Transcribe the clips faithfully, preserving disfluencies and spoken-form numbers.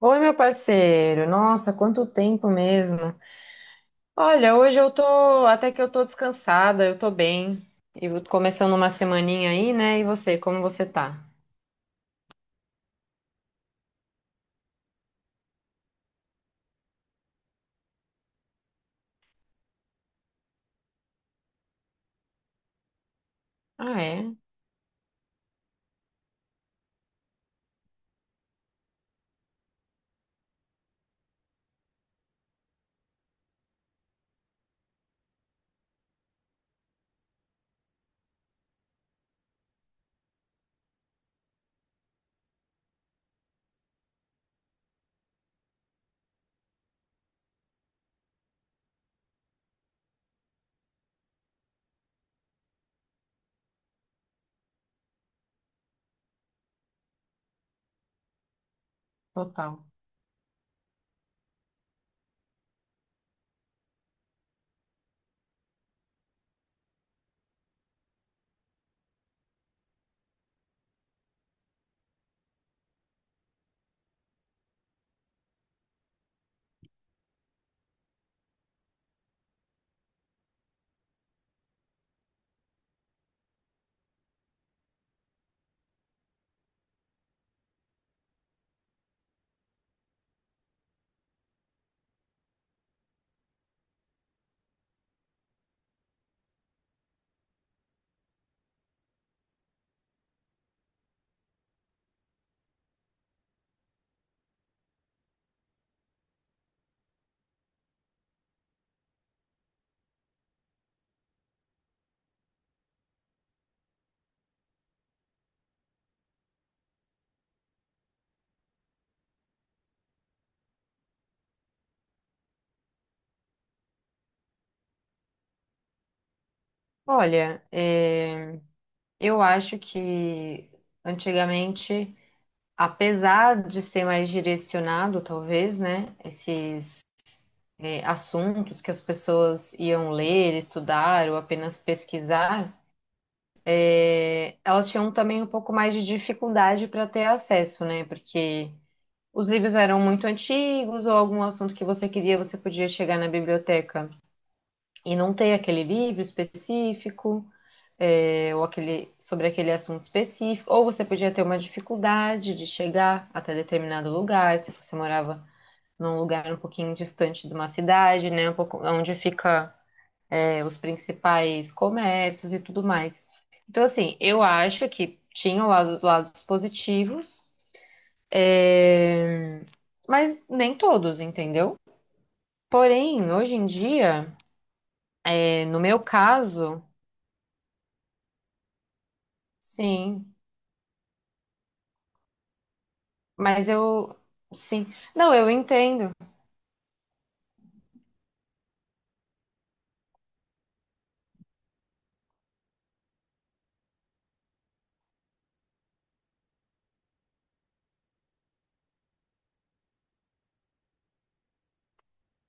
Oi, meu parceiro. Nossa, quanto tempo mesmo. Olha, hoje eu tô, até que eu tô descansada, eu tô bem. E vou- começando uma semaninha aí, né? E você, como você tá? Ah, é? Total. Olha, é, eu acho que antigamente, apesar de ser mais direcionado, talvez, né? Esses é, assuntos que as pessoas iam ler, estudar ou apenas pesquisar. é, elas tinham também um pouco mais de dificuldade para ter acesso, né? Porque os livros eram muito antigos, ou algum assunto que você queria, você podia chegar na biblioteca e não ter aquele livro específico, é, ou aquele, sobre aquele assunto específico, ou você podia ter uma dificuldade de chegar até determinado lugar, se você morava num lugar um pouquinho distante de uma cidade, né? Um pouco onde fica é, os principais comércios e tudo mais. Então, assim, eu acho que tinham lado, lados positivos, é, mas nem todos, entendeu? Porém, hoje em dia, é, no meu caso, sim, mas eu, sim, não, eu entendo.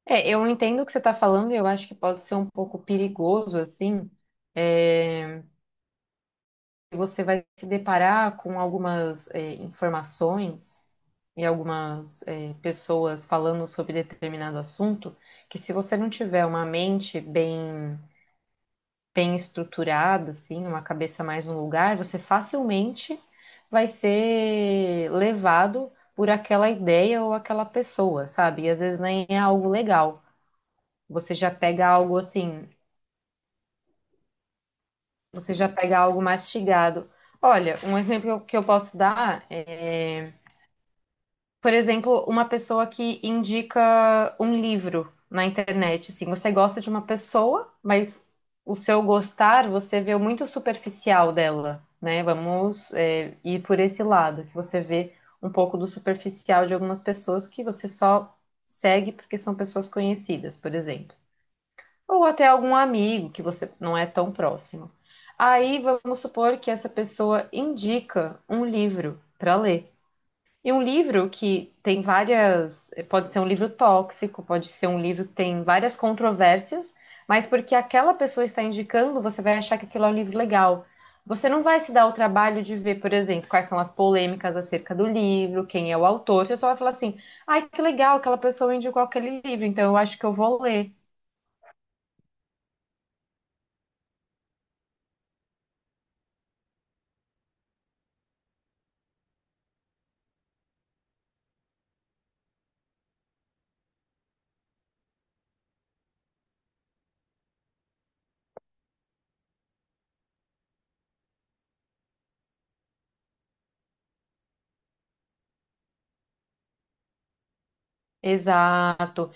É, eu entendo o que você está falando e eu acho que pode ser um pouco perigoso, assim, é, você vai se deparar com algumas é, informações e algumas é, pessoas falando sobre determinado assunto, que se você não tiver uma mente bem, bem estruturada, assim, uma cabeça mais no lugar, você facilmente vai ser levado por aquela ideia ou aquela pessoa, sabe? E às vezes nem é algo legal. Você já pega algo assim, você já pega algo mastigado. Olha, um exemplo que eu posso dar é por exemplo, uma pessoa que indica um livro na internet, assim, você gosta de uma pessoa, mas o seu gostar você vê muito superficial dela, né? Vamos, é, ir por esse lado, que você vê um pouco do superficial de algumas pessoas que você só segue porque são pessoas conhecidas, por exemplo. Ou até algum amigo que você não é tão próximo. Aí vamos supor que essa pessoa indica um livro para ler. E um livro que tem várias, pode ser um livro tóxico, pode ser um livro que tem várias controvérsias, mas porque aquela pessoa está indicando, você vai achar que aquilo é um livro legal. Você não vai se dar o trabalho de ver, por exemplo, quais são as polêmicas acerca do livro, quem é o autor. Você só vai falar assim: ai, que legal, aquela pessoa indicou aquele livro, então eu acho que eu vou ler. Exato.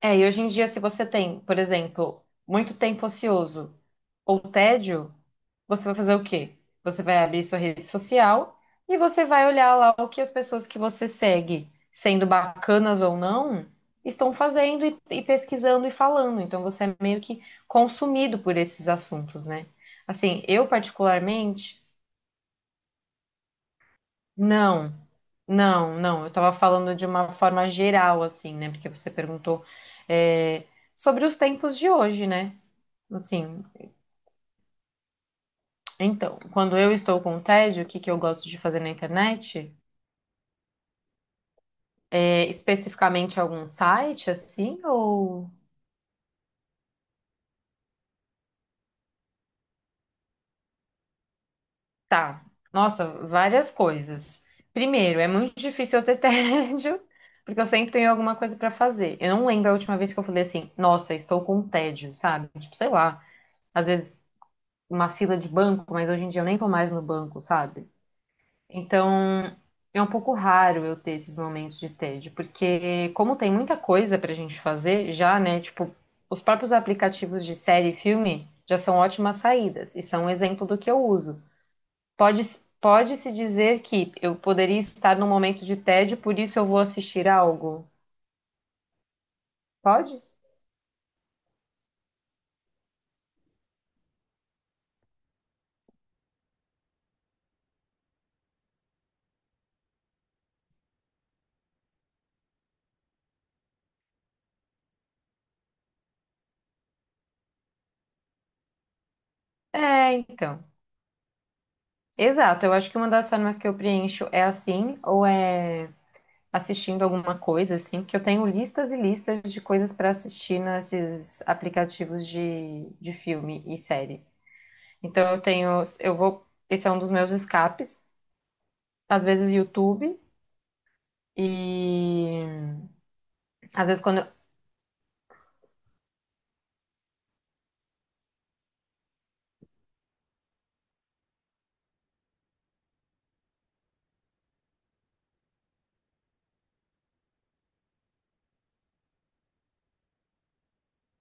É, e hoje em dia, se você tem, por exemplo, muito tempo ocioso ou tédio, você vai fazer o quê? Você vai abrir sua rede social e você vai olhar lá o que as pessoas que você segue, sendo bacanas ou não, estão fazendo e, e pesquisando e falando. Então você é meio que consumido por esses assuntos, né? Assim, eu particularmente. Não, não, não. Eu estava falando de uma forma geral, assim, né? Porque você perguntou, é, sobre os tempos de hoje, né? Assim, então, quando eu estou com tédio, o que que eu gosto de fazer na internet? É, especificamente algum site, assim, ou... Tá, nossa, várias coisas. Primeiro, é muito difícil eu ter tédio, porque eu sempre tenho alguma coisa para fazer. Eu não lembro a última vez que eu falei assim, nossa, estou com tédio, sabe? Tipo, sei lá. Às vezes uma fila de banco, mas hoje em dia eu nem vou mais no banco, sabe? Então, é um pouco raro eu ter esses momentos de tédio, porque como tem muita coisa pra gente fazer já, né? Tipo, os próprios aplicativos de série e filme já são ótimas saídas. Isso é um exemplo do que eu uso. Pode, pode-se dizer que eu poderia estar num momento de tédio, por isso eu vou assistir algo. Pode? É, então. Exato, eu acho que uma das formas que eu preencho é assim, ou é assistindo alguma coisa, assim, porque eu tenho listas e listas de coisas para assistir nesses aplicativos de, de filme e série. Então eu tenho, eu vou, esse é um dos meus escapes, às vezes YouTube e às vezes quando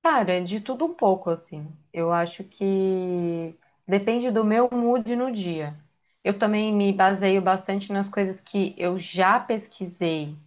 Cara, é de tudo um pouco, assim. Eu acho que depende do meu mood no dia. Eu também me baseio bastante nas coisas que eu já pesquisei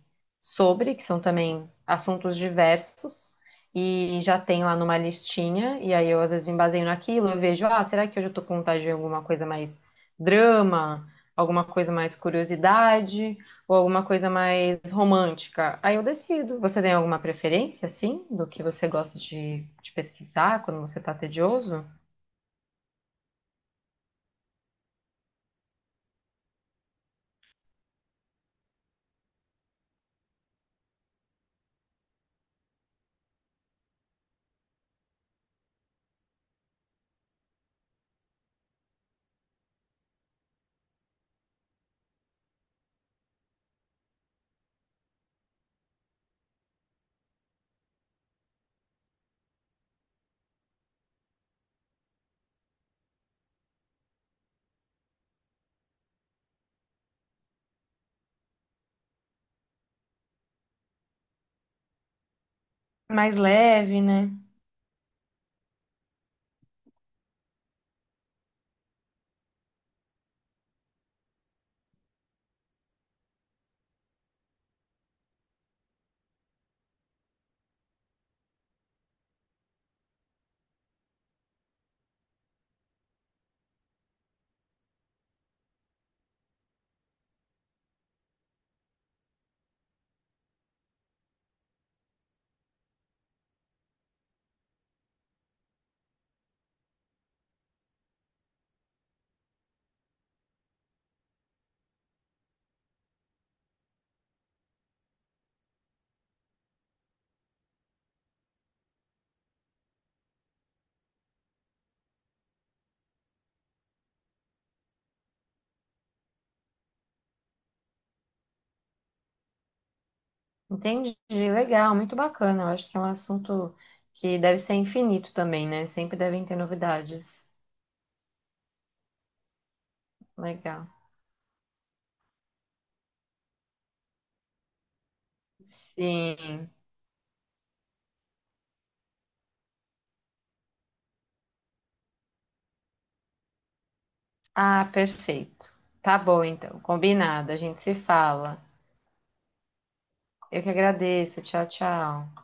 sobre, que são também assuntos diversos, e já tenho lá numa listinha, e aí eu às vezes me baseio naquilo, eu vejo, ah, será que hoje eu tô com vontade de alguma coisa mais drama, alguma coisa mais curiosidade? Ou alguma coisa mais romântica. Aí eu decido. Você tem alguma preferência, assim, do que você gosta de, de pesquisar quando você tá tedioso? Mais leve, né? Entendi. Legal, muito bacana. Eu acho que é um assunto que deve ser infinito também, né? Sempre devem ter novidades. Legal. Sim. Ah, perfeito. Tá bom, então. Combinado. A gente se fala. Eu que agradeço. Tchau, tchau.